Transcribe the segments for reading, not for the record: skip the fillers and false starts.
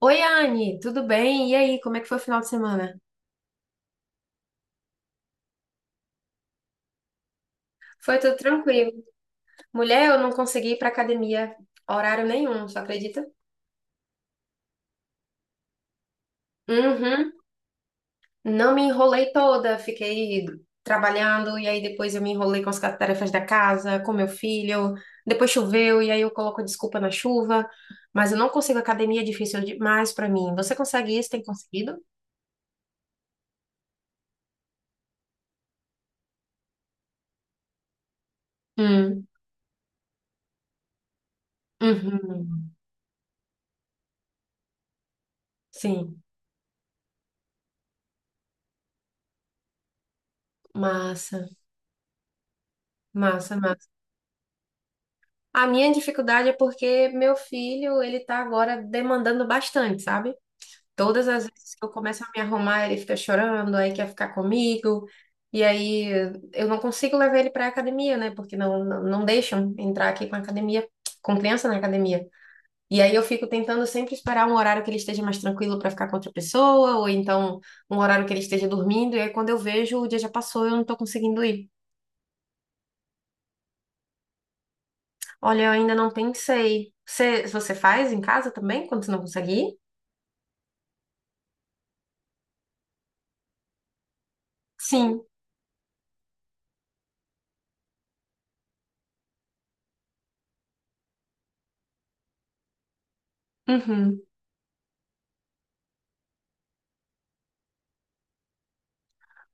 Oi, Anne, tudo bem? E aí, como é que foi o final de semana? Foi tudo tranquilo. Mulher, eu não consegui ir pra academia horário nenhum, só acredita? Uhum. Não me enrolei toda, fiquei trabalhando e aí depois eu me enrolei com as tarefas da casa, com meu filho. Depois choveu e aí eu coloco desculpa na chuva, mas eu não consigo academia, é difícil demais pra mim. Você consegue isso? Tem conseguido? Hum. Uhum. Sim. Massa, massa, massa. A minha dificuldade é porque meu filho, ele tá agora demandando bastante, sabe? Todas as vezes que eu começo a me arrumar, ele fica chorando, aí quer ficar comigo. E aí eu não consigo levar ele para academia, né? Porque não deixam entrar aqui com a academia, com criança na academia. E aí eu fico tentando sempre esperar um horário que ele esteja mais tranquilo para ficar com outra pessoa, ou então um horário que ele esteja dormindo. E aí quando eu vejo, o dia já passou, eu não tô conseguindo ir. Olha, eu ainda não pensei. Você faz em casa também, quando você não consegue ir? Sim. Uhum.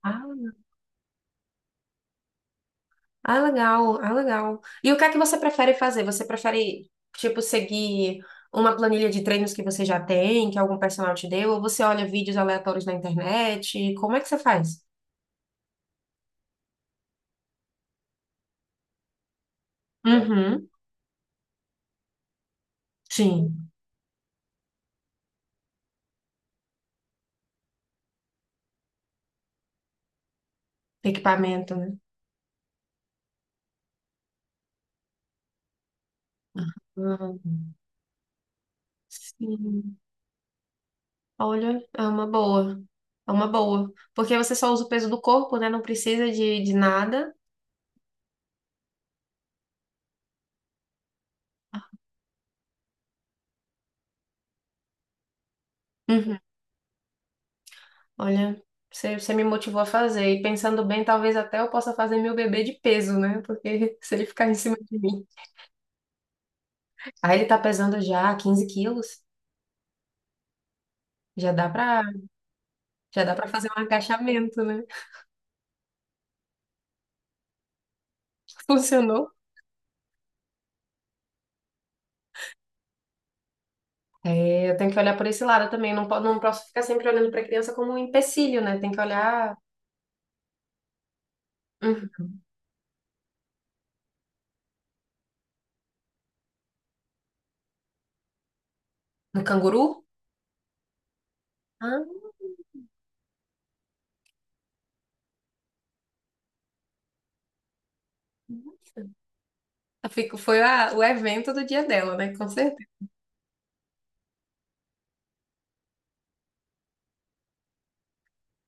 Ah, ah, legal, ah, legal. E o que é que você prefere fazer? Você prefere, tipo, seguir uma planilha de treinos que você já tem, que algum personal te deu? Ou você olha vídeos aleatórios na internet? Como é que você faz? Uhum. Sim. Equipamento, né? Uhum. Sim. Olha, é uma boa. É uma boa. Porque você só usa o peso do corpo, né? Não precisa de nada. Uhum. Olha, você me motivou a fazer. E pensando bem, talvez até eu possa fazer meu bebê de peso, né? Porque se ele ficar em cima de mim. Aí ele tá pesando já 15 quilos. Já dá pra, já dá pra fazer um agachamento, né? Funcionou. É, eu tenho que olhar por esse lado também. Não, não posso ficar sempre olhando pra criança como um empecilho, né? Tem que olhar. Uhum. No canguru? Ah, nossa. Eu fico- foi a- o evento do dia dela, né? Com certeza.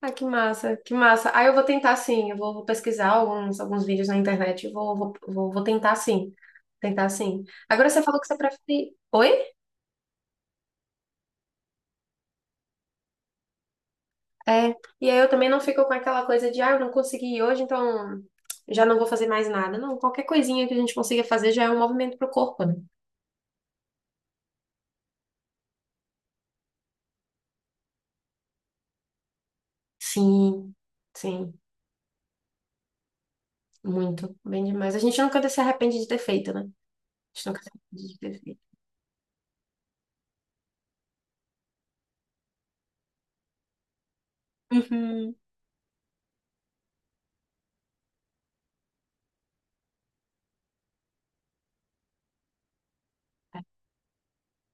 Ah, que massa, que massa. Ah, eu vou tentar sim, eu vou pesquisar alguns vídeos na internet, eu vou tentar sim, tentar sim. Agora você falou que você prefere. Oi? É, e aí eu também não fico com aquela coisa de, ah, eu não consegui ir hoje, então já não vou fazer mais nada. Não, qualquer coisinha que a gente consiga fazer já é um movimento pro corpo, né? Sim, sim, muito, bem demais. A gente nunca se arrepende de ter feito, né? A gente nunca se arrepende de ter feito. Uhum.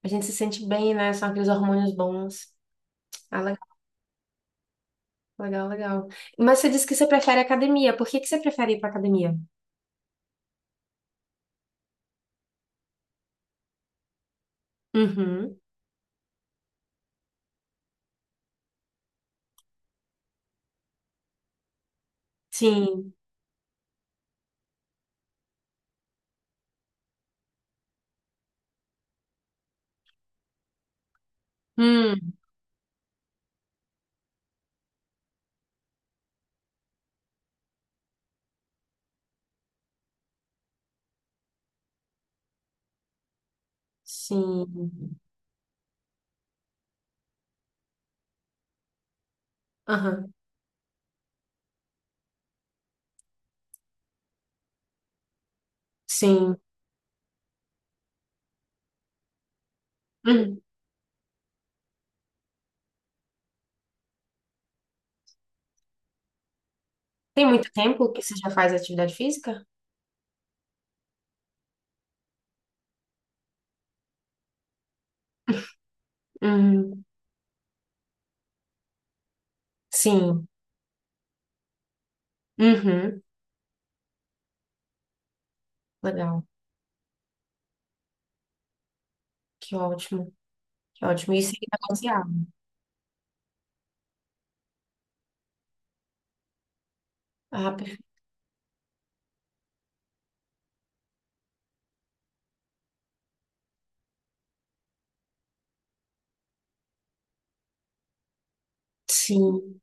A gente se sente bem, né? São aqueles hormônios bons. Ah, legal, legal. Mas você disse que você prefere academia. Por que que você prefere ir para academia? Uhum. Sim. Hum. Sim. Aham. Sim. Uhum. Tem muito tempo que você já faz atividade física? Uhum. Sim. Uhum. Legal. Que ótimo. Que ótimo. Isso é negociável. Ah, perfeito. Sim.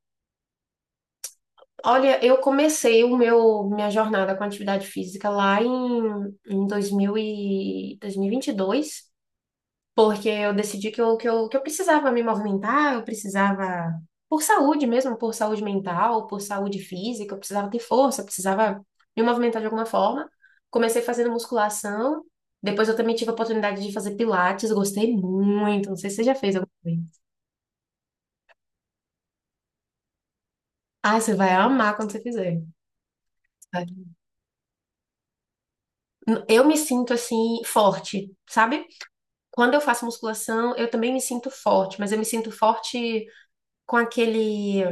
Olha, eu comecei o meu minha jornada com atividade física lá em dois mil e vinte e dois porque eu decidi que eu precisava me movimentar, eu precisava, por saúde mesmo, por saúde mental, por saúde física, eu precisava ter força, eu precisava me movimentar de alguma forma. Comecei fazendo musculação, depois eu também tive a oportunidade de fazer Pilates, gostei muito, não sei se você já fez alguma vez. Ah, você vai amar quando você fizer. Sabe? Eu me sinto assim, forte, sabe? Quando eu faço musculação, eu também me sinto forte, mas eu me sinto forte com aquele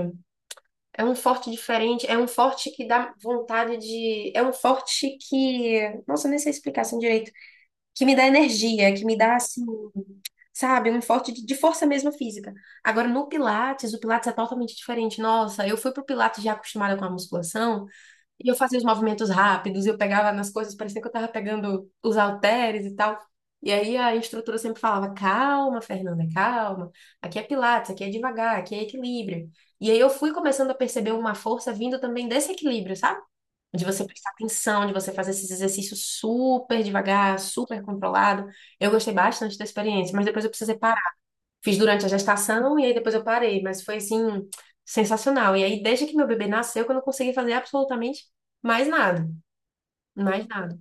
É um forte diferente, é um forte que dá vontade de. É um forte que. Nossa, eu nem sei explicar assim direito. Que me dá energia, que me dá, assim, sabe? Um forte de força mesmo física. Agora, no Pilates, o Pilates é totalmente diferente. Nossa, eu fui pro Pilates já acostumada com a musculação. E eu fazia os movimentos rápidos, e eu pegava nas coisas, parecia que eu tava pegando os halteres e tal. E aí a instrutora sempre falava: calma, Fernanda, calma. Aqui é Pilates, aqui é devagar, aqui é equilíbrio. E aí eu fui começando a perceber uma força vindo também desse equilíbrio, sabe? De você prestar atenção, de você fazer esses exercícios super devagar, super controlado. Eu gostei bastante da experiência, mas depois eu precisei parar. Fiz durante a gestação e aí depois eu parei, mas foi assim, sensacional. E aí, desde que meu bebê nasceu, que eu não consegui fazer absolutamente mais nada. Mais nada.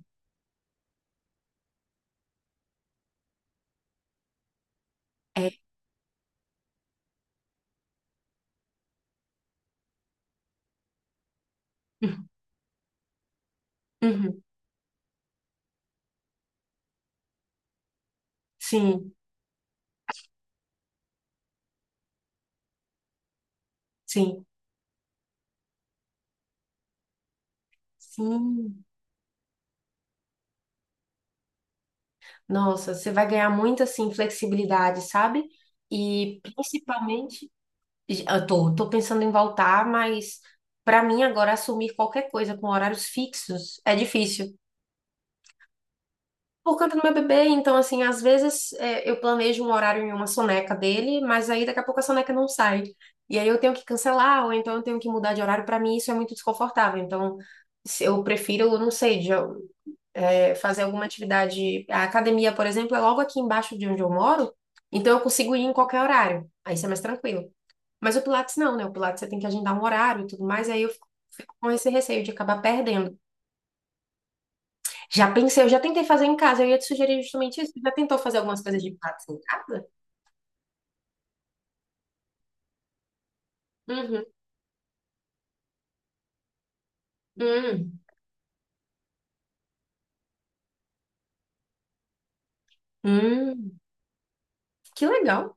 É. Uhum. Uhum. Sim, sim, sim. Nossa, você vai ganhar muito assim, flexibilidade, sabe? E principalmente, eu tô pensando em voltar, mas para mim agora assumir qualquer coisa com horários fixos é difícil. Por conta do meu bebê, então, assim, às vezes é, eu planejo um horário em uma soneca dele, mas aí daqui a pouco a soneca não sai. E aí eu tenho que cancelar, ou então eu tenho que mudar de horário. Para mim, isso é muito desconfortável. Então, eu prefiro, não sei, é, fazer alguma atividade. A academia, por exemplo, é logo aqui embaixo de onde eu moro, então eu consigo ir em qualquer horário. Aí isso é mais tranquilo. Mas o Pilates não, né? O Pilates você tem que agendar um horário e tudo mais, e aí eu fico com esse receio de acabar perdendo. Já pensei, eu já tentei fazer em casa. Eu ia te sugerir justamente isso. Você já tentou fazer algumas coisas de patos em casa? Uhum. Hum. Hum. Que legal.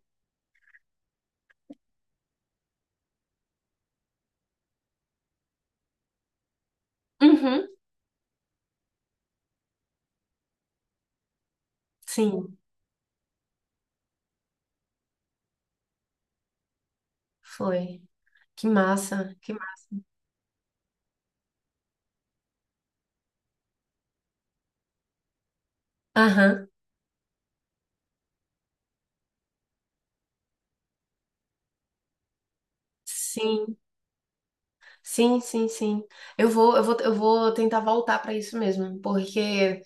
Uhum. Sim, foi. Que massa. Que massa. Aham. Sim. Sim, sim, sim. Eu vou tentar voltar para isso mesmo, porque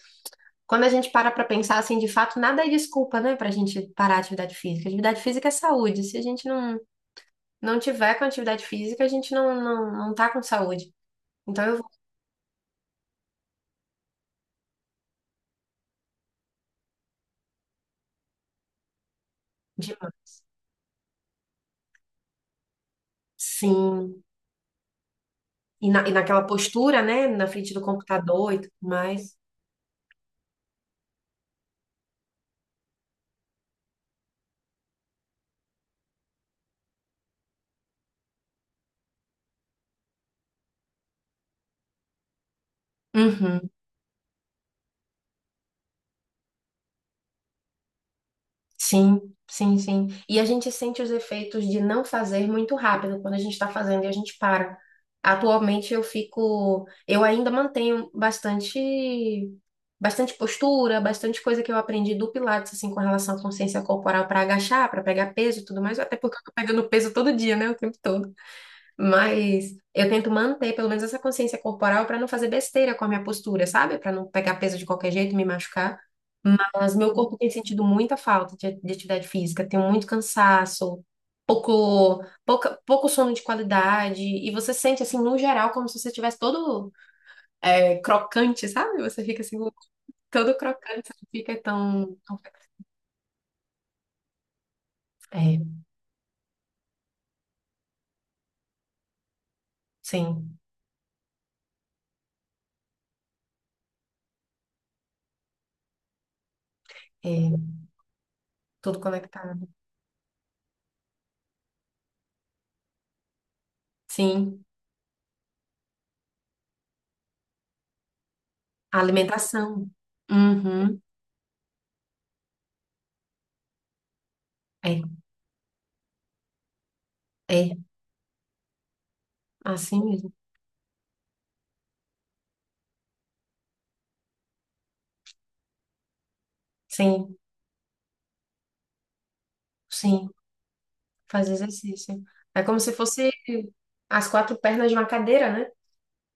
quando a gente para para pensar assim, de fato, nada é desculpa, né, para a gente parar a atividade física. Atividade física é saúde. Se a gente não tiver com atividade física, a gente não tá com saúde. Então eu vou demais. Sim. E naquela postura, né? Na frente do computador e tudo mais. Uhum. Sim, sim, sim. E a gente sente os efeitos de não fazer muito rápido quando a gente está fazendo e a gente para. Atualmente eu ainda mantenho bastante, bastante postura, bastante coisa que eu aprendi do Pilates, assim, com relação à consciência corporal para agachar, para pegar peso e tudo mais, até porque eu tô pegando peso todo dia, né? O tempo todo. Mas eu tento manter pelo menos essa consciência corporal para não fazer besteira com a minha postura, sabe? Para não pegar peso de qualquer jeito e me machucar. Mas meu corpo tem sentido muita falta de atividade física, tenho muito cansaço, pouco sono de qualidade, e você sente assim, no geral, como se você estivesse todo crocante, sabe? Você fica assim, todo crocante, você não fica tão. É, sim, é, tudo conectado. Sim, a alimentação. Uhum, é. É. Assim mesmo. Sim, sim, faz exercício. É como se fosse as quatro pernas de uma cadeira, né?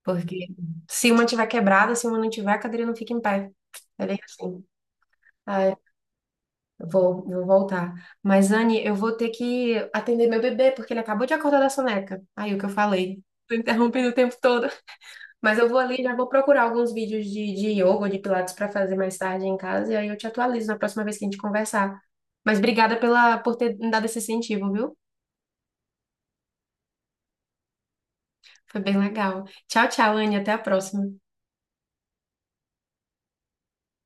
Porque se uma tiver quebrada, se uma não tiver, a cadeira não fica em pé. É bem assim. Ah, é. Vou voltar. Mas, Anne, eu vou ter que atender meu bebê, porque ele acabou de acordar da soneca. Aí, o que eu falei. Tô interrompendo o tempo todo. Mas eu vou ali, já vou procurar alguns vídeos de yoga ou de Pilates para fazer mais tarde em casa. E aí eu te atualizo na próxima vez que a gente conversar. Mas obrigada por ter me dado esse incentivo, viu? Foi bem legal. Tchau, tchau, Anne. Até a próxima.